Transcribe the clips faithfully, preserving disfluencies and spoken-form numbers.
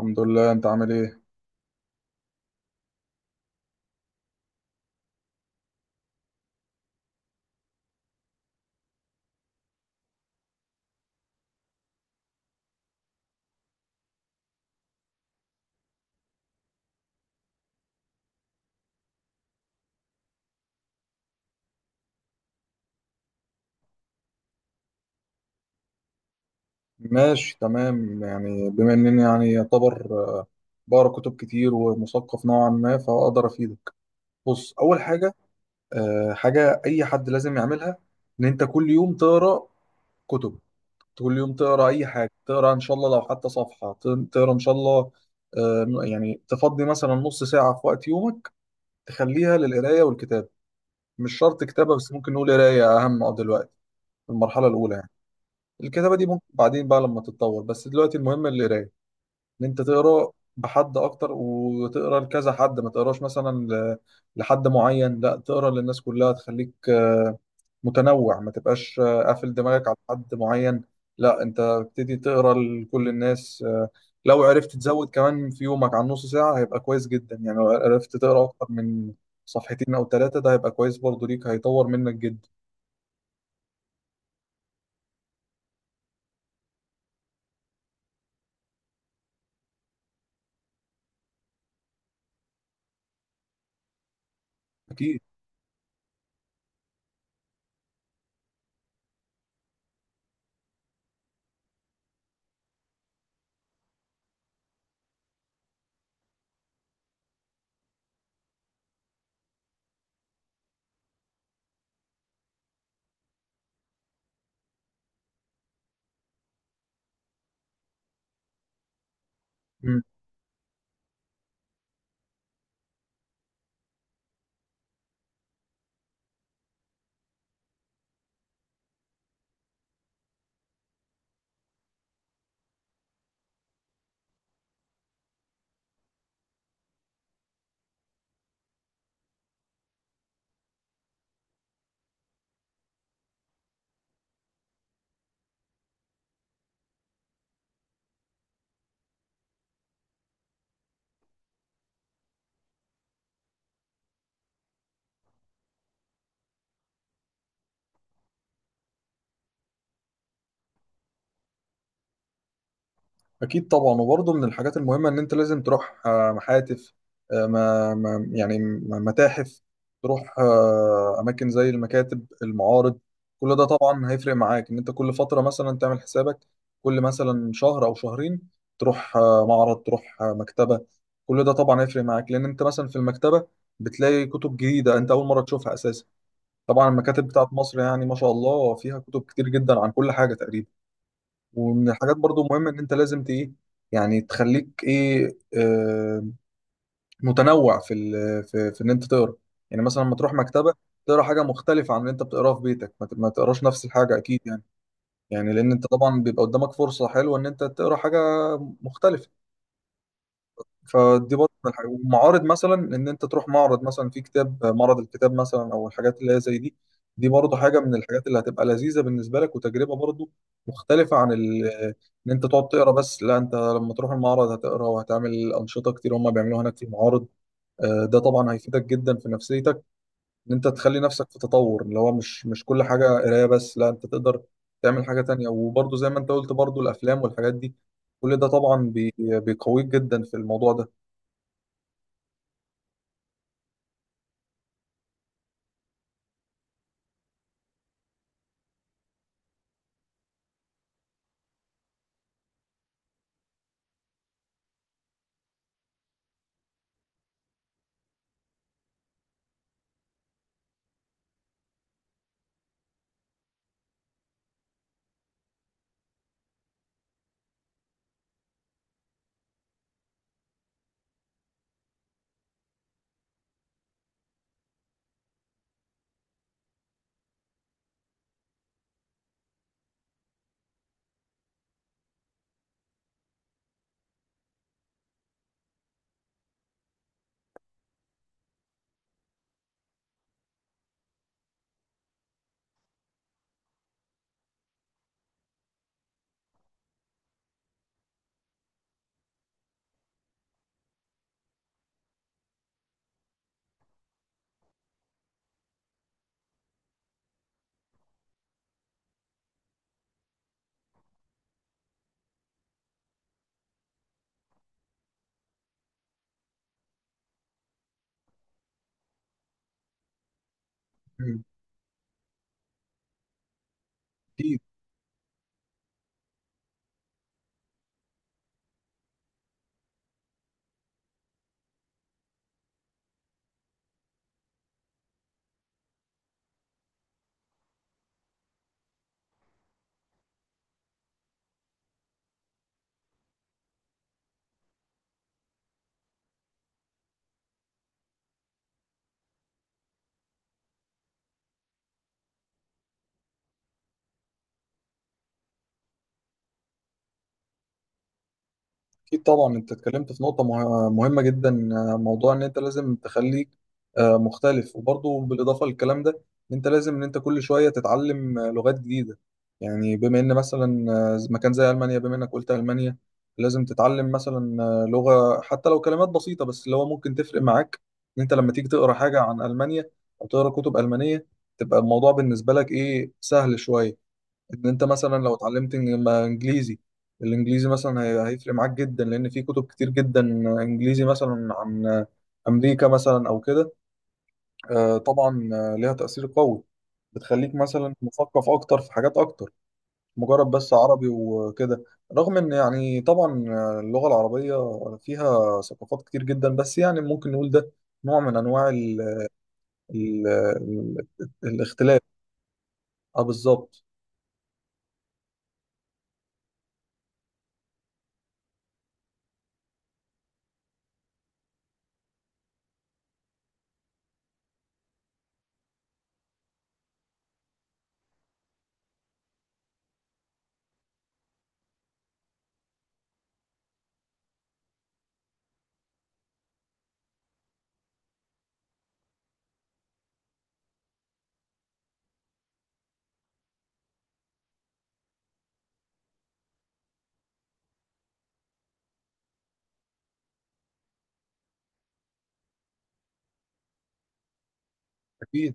الحمد لله، انت عامل ايه؟ ماشي تمام، يعني بما انني يعني يعتبر بقرا كتب كتير ومثقف نوعا ما فاقدر افيدك. بص، اول حاجه آه، حاجه اي حد لازم يعملها ان انت كل يوم تقرا كتب، كل يوم تقرا اي حاجه، تقرا ان شاء الله لو حتى صفحه ت- تقرا ان شاء الله. آه، يعني تفضي مثلا نص ساعه في وقت يومك تخليها للقرايه والكتابه. مش شرط كتابه بس، ممكن نقول قرايه اهم آه، دلوقتي في المرحله الاولى يعني. الكتابه دي ممكن بعدين بقى لما تتطور، بس دلوقتي المهم القرايه، ان انت تقرا بحد اكتر وتقرا لكذا حد، ما تقراش مثلا ل- لحد معين، لا تقرا للناس كلها، تخليك آه، متنوع، ما تبقاش آه، قافل دماغك على حد معين. لا، انت ابتدي تقرا لكل الناس آه، لو عرفت تزود كمان في يومك عن نص ساعة هيبقى كويس جدا. يعني لو عرفت تقرا اكتر من صفحتين او ثلاثة ده هيبقى كويس برضو ليك، هيطور منك جدا. اكيد. اكيد طبعا، وبرضه من الحاجات المهمه ان انت لازم تروح آه، محاتف آه، ما ما- يعني م- متاحف، تروح آه، اماكن زي المكاتب، المعارض. كل ده طبعا هيفرق معاك، ان انت كل فتره مثلا تعمل حسابك كل مثلا شهر او شهرين تروح آه، معرض، تروح آه، مكتبه. كل ده طبعا هيفرق معاك، لان انت مثلا في المكتبه بتلاقي كتب جديده انت اول مره تشوفها اساسا. طبعا المكاتب بتاعت مصر يعني ما شاء الله فيها كتب كتير جدا عن كل حاجه تقريبا. ومن الحاجات برضو مهمة ان انت لازم ت- ايه، يعني تخليك ايه، آه، متنوع في ال في, في ان انت تقرا. يعني مثلا لما تروح مكتبة تقرا حاجة مختلفة عن اللي انت بتقراه في بيتك، ما ت- ما تقراش نفس الحاجة اكيد يعني. يعني لان انت طبعا بيبقى قدامك فرصة حلوة ان انت تقرا حاجة مختلفة. فدي برضه من الحاجات، ومعارض مثلا ان انت تروح معرض مثلا في كتاب، معرض الكتاب مثلا او الحاجات اللي هي زي دي. دي برضه حاجه من الحاجات اللي هتبقى لذيذه بالنسبه لك، وتجربه برضه مختلفه عن ال... ان انت تقعد تقرا بس. لا، انت لما تروح المعرض هتقرا وهتعمل انشطه كتير هم بيعملوها هناك في المعارض. آه، ده طبعا هيفيدك جدا في نفسيتك، ان انت تخلي نفسك في تطور، اللي هو مش مش كل حاجه قرايه بس، لا انت تقدر تعمل حاجه تانية. وبرضه زي ما انت قلت برضه الافلام والحاجات دي، كل ده طبعا بي... بيقويك جدا في الموضوع ده. أكيد. أكيد طبعا، أنت اتكلمت في نقطة مه- مهمة جدا، آه، موضوع إن أنت لازم تخليك آه، مختلف. وبرضه بالإضافة للكلام ده، إن أنت لازم، إن أنت كل شوية تتعلم آه، لغات جديدة. يعني بما إن مثلا آه، مكان زي ألمانيا، بما إنك قلت ألمانيا، لازم تتعلم مثلا آه، لغة، حتى لو كلمات بسيطة بس، اللي هو ممكن تفرق معاك إن أنت لما تيجي تقرأ حاجة عن ألمانيا أو تقرأ كتب ألمانية، تبقى الموضوع بالنسبة لك إيه، سهل شوية. ان انت مثلا لو اتعلمت إن- ما انجليزي، الانجليزي مثلا هي- هيفرق معاك جدا، لان في كتب كتير جدا انجليزي مثلا عن امريكا مثلا او كده. آه، طبعا آه، ليها تأثير قوي، بتخليك مثلا مثقف اكتر في حاجات اكتر، مجرد بس عربي وكده. رغم ان يعني طبعا آه، اللغة العربية فيها ثقافات كتير جدا، بس يعني ممكن نقول ده نوع من انواع ال ال ال الاختلاف. اه بالظبط. اكيد.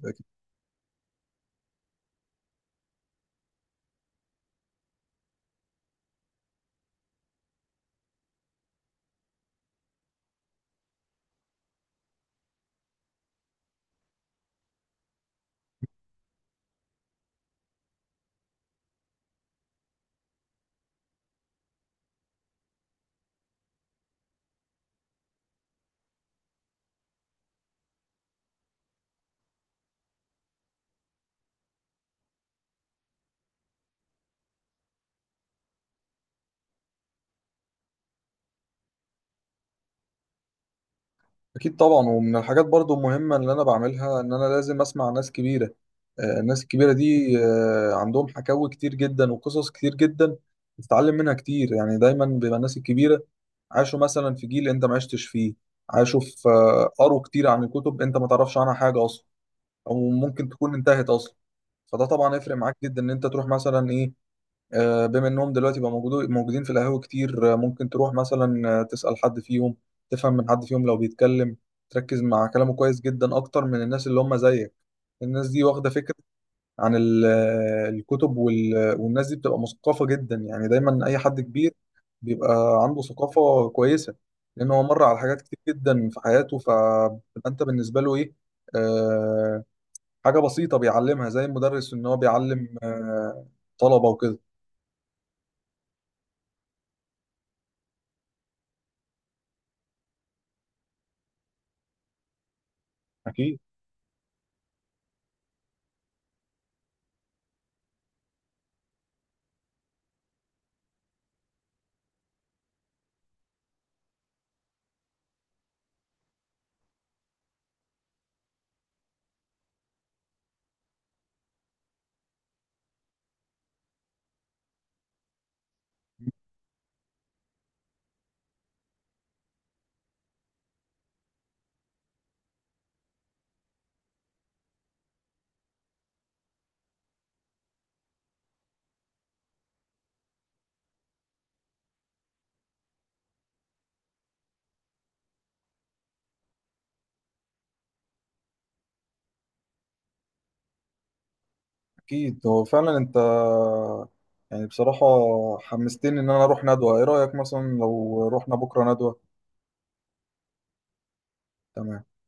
أكيد طبعا، ومن الحاجات برضو المهمة اللي أنا بعملها إن أنا لازم أسمع ناس كبيرة. آه، الناس الكبيرة دي آه، عندهم حكاوي كتير جدا وقصص كتير جدا بتتعلم منها كتير. يعني دايما بيبقى الناس الكبيرة عاشوا مثلا في جيل أنت ما عشتش فيه، عاشوا في آه، قروا كتير عن الكتب أنت ما تعرفش عنها حاجة أصلا، أو ممكن تكون انتهت أصلا. فده طبعا يفرق معاك جدا إن أنت تروح مثلا إيه، آه، بما انهم دلوقتي بقى موجودو- موجودين في القهاوي كتير. آه، ممكن تروح مثلا آه، تسأل حد فيهم، تفهم من حد فيهم لو بيتكلم، تركز مع كلامه كويس جدا اكتر من الناس اللي هم زيك. الناس دي واخدة فكرة عن ال- آه، الكتب وال- والناس دي بتبقى مثقفة جدا. يعني دايما اي حد كبير بيبقى عنده ثقافة كويسة، لان هو مر على حاجات كتير جدا في حياته. فانت بالنسبة له ايه، آه، حاجة بسيطة بيعلمها زي المدرس ان هو بيعلم آه، طلبة وكده. أكيد. اكيد هو فعلا انت، يعني بصراحة حمستني ان انا اروح ندوة. ايه رأيك مثلا لو رحنا بكرة ندوة؟ تمام.